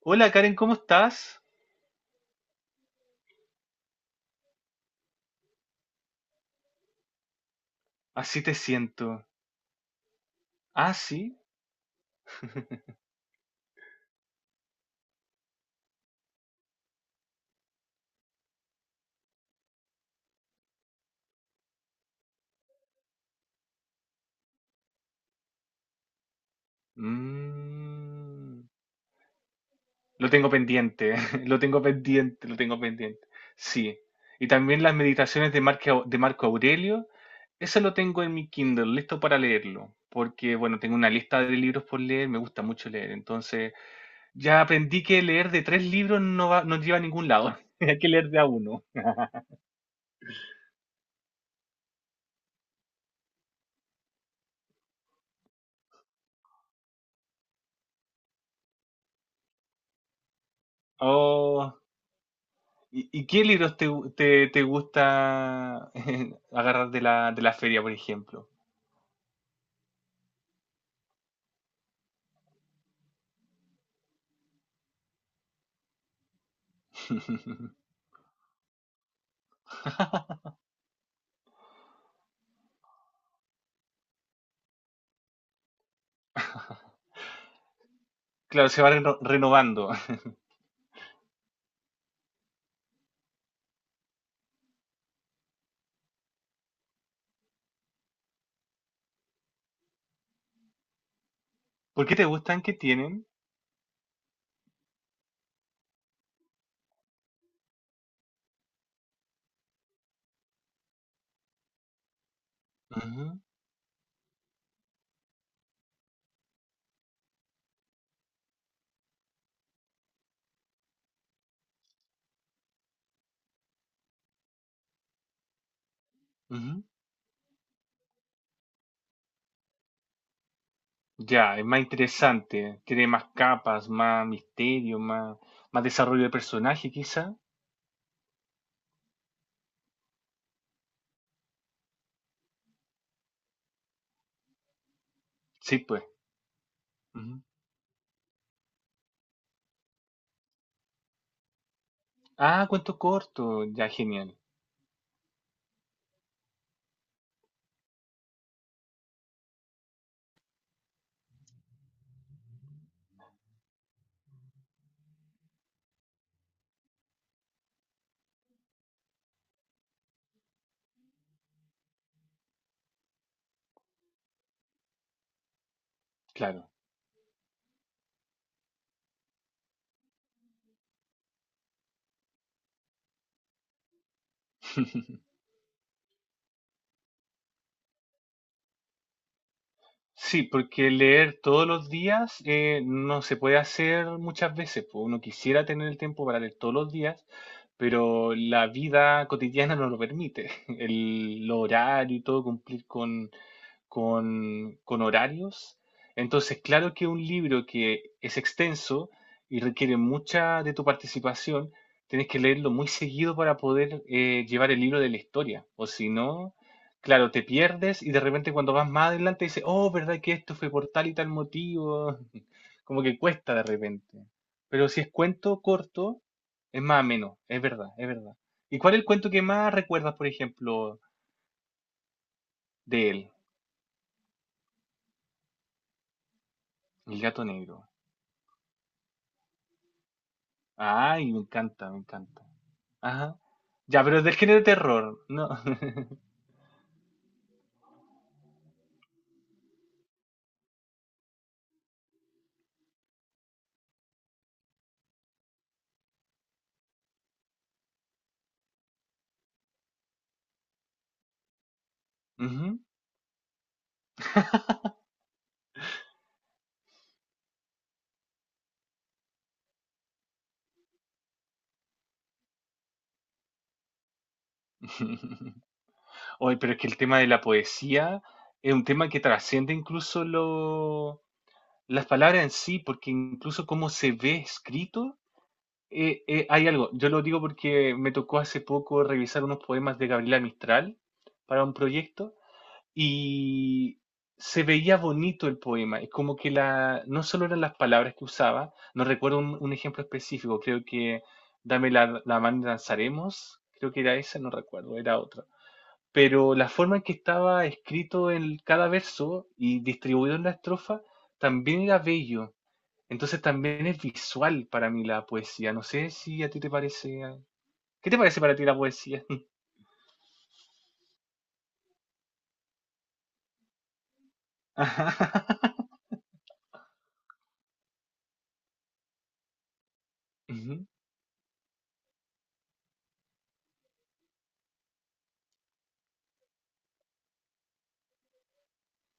Hola Karen, ¿cómo estás? Así te siento. Ah, sí. Mm, lo tengo pendiente, lo tengo pendiente, lo tengo pendiente. Sí. Y también las meditaciones de Marco Aurelio. Eso lo tengo en mi Kindle, listo para leerlo. Porque, bueno, tengo una lista de libros por leer, me gusta mucho leer. Entonces, ya aprendí que leer de tres libros no va, no lleva a ningún lado. Hay que leer de a uno. Oh. ¿Y, qué libros te, te gusta agarrar de la feria, por ejemplo? Claro, se va renovando. ¿Por qué te gustan? ¿Qué tienen? Ujú, ujú. Ya, es más interesante. Tiene más capas, más misterio, más, más desarrollo de personaje, quizá. Sí, pues. Ujú. Ah, cuento corto. Ya, genial. Claro. Sí, porque leer todos los días no se puede hacer muchas veces. Pues, uno quisiera tener el tiempo para leer todos los días, pero la vida cotidiana no lo permite. El, lo horario y todo, cumplir con, con horarios. Entonces, claro que un libro que es extenso y requiere mucha de tu participación, tienes que leerlo muy seguido para poder llevar el libro de la historia. O si no, claro, te pierdes y de repente cuando vas más adelante dices, oh, ¿verdad que esto fue por tal y tal motivo? Como que cuesta de repente. Pero si es cuento corto, es más ameno, es verdad, es verdad. ¿Y cuál es el cuento que más recuerdas, por ejemplo, de él? El gato negro. Ay, me encanta, me encanta. Ajá. Ya, pero es del género de terror, ¿no? Ujú. Oye, pero es que el tema de la poesía es un tema que trasciende incluso lo las palabras en sí, porque incluso cómo se ve escrito, hay algo. Yo lo digo porque me tocó hace poco revisar unos poemas de Gabriela Mistral para un proyecto y se veía bonito el poema. Es como que la, no solo eran las palabras que usaba, no recuerdo un ejemplo específico, creo que Dame la mano y danzaremos, creo que era esa, no recuerdo, era otra. Pero la forma en que estaba escrito en cada verso y distribuido en la estrofa también era bello, entonces también es visual para mí la poesía. No sé si a ti te parece... ah, ¿qué te parece para ti la poesía? Ajá. Ujú,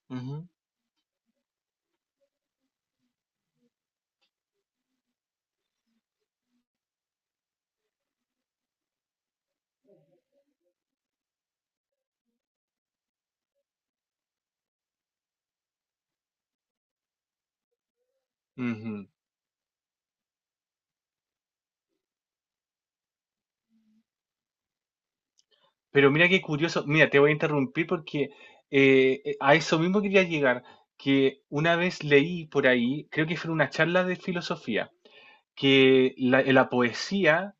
ujú, ujú. Pero mira qué curioso. Mira, te voy a interrumpir porque a eso mismo quería llegar, que una vez leí por ahí, creo que fue en una charla de filosofía, que la, la poesía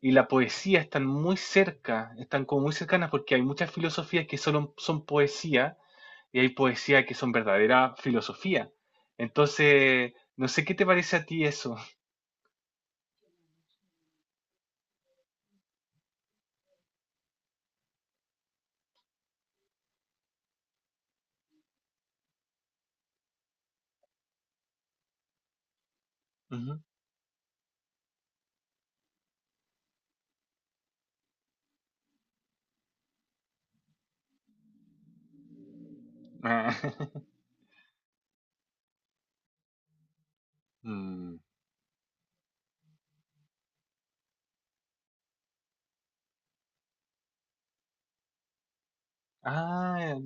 y la poesía están muy cerca, están como muy cercanas porque hay muchas filosofías que solo son poesía y hay poesía que son verdadera filosofía. Entonces, no sé qué te parece a ti eso. Ujú. Ah, mm. Ah,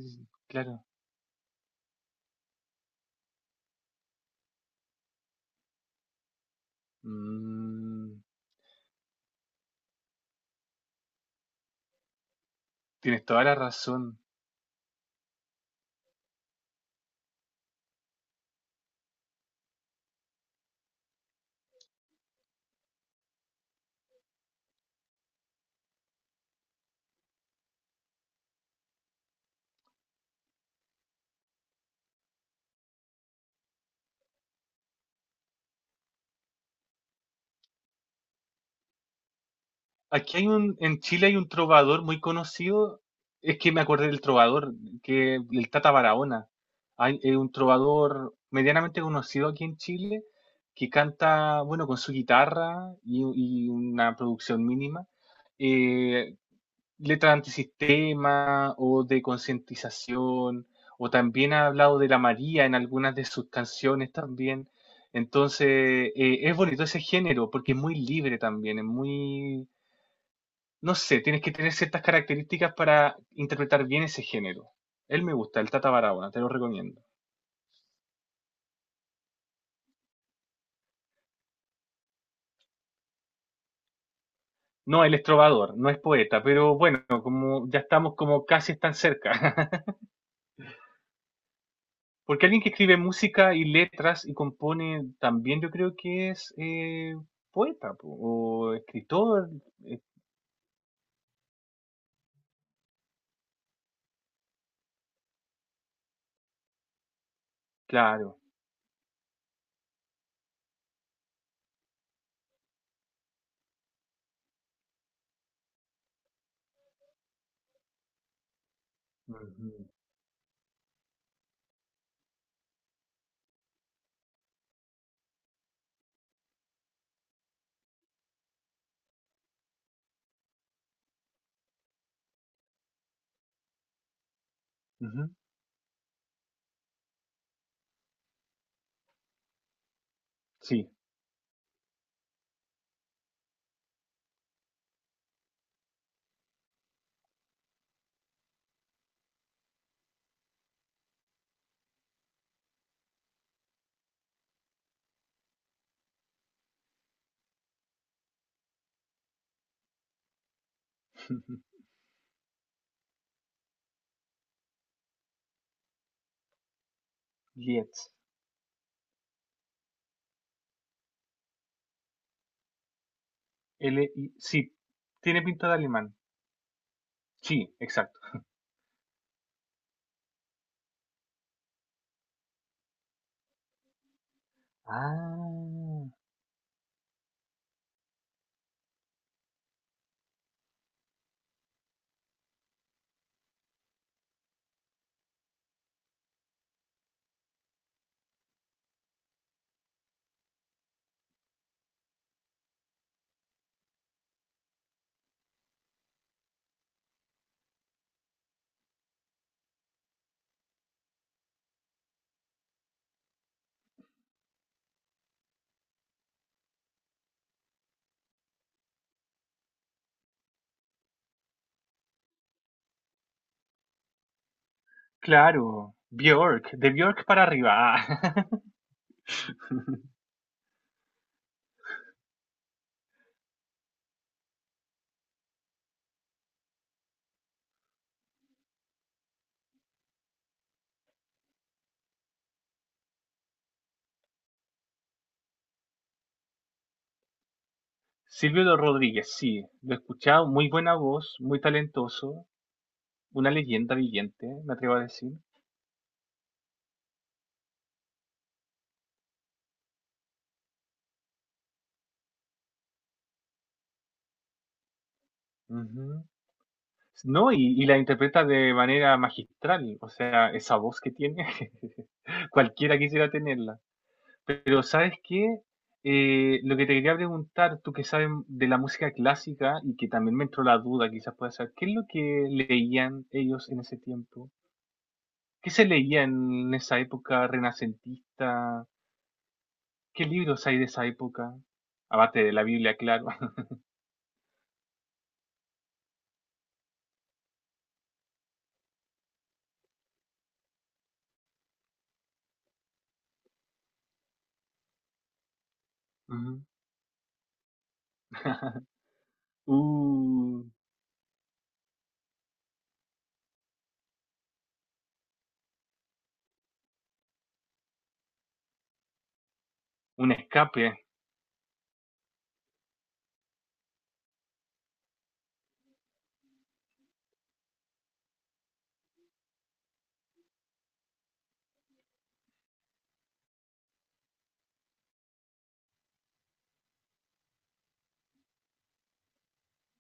claro. Mm, tienes toda la razón. Aquí hay un, en Chile hay un trovador muy conocido. Es que me acordé del trovador, que el Tata Barahona. Hay un trovador medianamente conocido aquí en Chile que canta, bueno, con su guitarra y una producción mínima. eh, Letras antisistema o de concientización, o también ha hablado de la María en algunas de sus canciones también. Entonces, es bonito ese género porque es muy libre también, es muy, no sé, tienes que tener ciertas características para interpretar bien ese género. Él me gusta, el Tata Barahona, te lo recomiendo. No, él es trovador, no es poeta, pero bueno, como ya estamos como casi tan cerca. Porque alguien que escribe música y letras y compone también yo creo que es poeta po, o escritor, eh, claro. Ujú, ujú. Sí, Lietz. L I- sí, tiene pinta de alemán. Sí, exacto. Ah, claro. Björk, de Björk para arriba. Ah. Silvio Rodríguez, sí, lo he escuchado, muy buena voz, muy talentoso, una leyenda viviente, me atrevo a decir. Ujú. No, y la interpreta de manera magistral, o sea, esa voz que tiene, cualquiera quisiera tenerla. Pero ¿sabes qué? Lo que te quería preguntar, tú que sabes de la música clásica y que también me entró la duda, quizás puedas saber, ¿qué es lo que leían ellos en ese tiempo? ¿Qué se leía en esa época renacentista? ¿Qué libros hay de esa época? Aparte de la Biblia, claro. Ujú. Uh, un escape.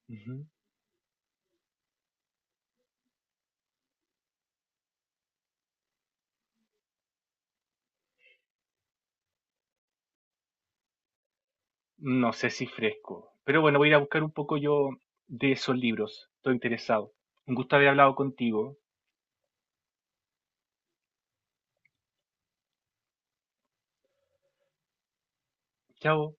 Ujú. No sé si fresco, pero bueno, voy a ir a buscar un poco yo de esos libros. Estoy interesado. Un gusto haber hablado contigo. Chao.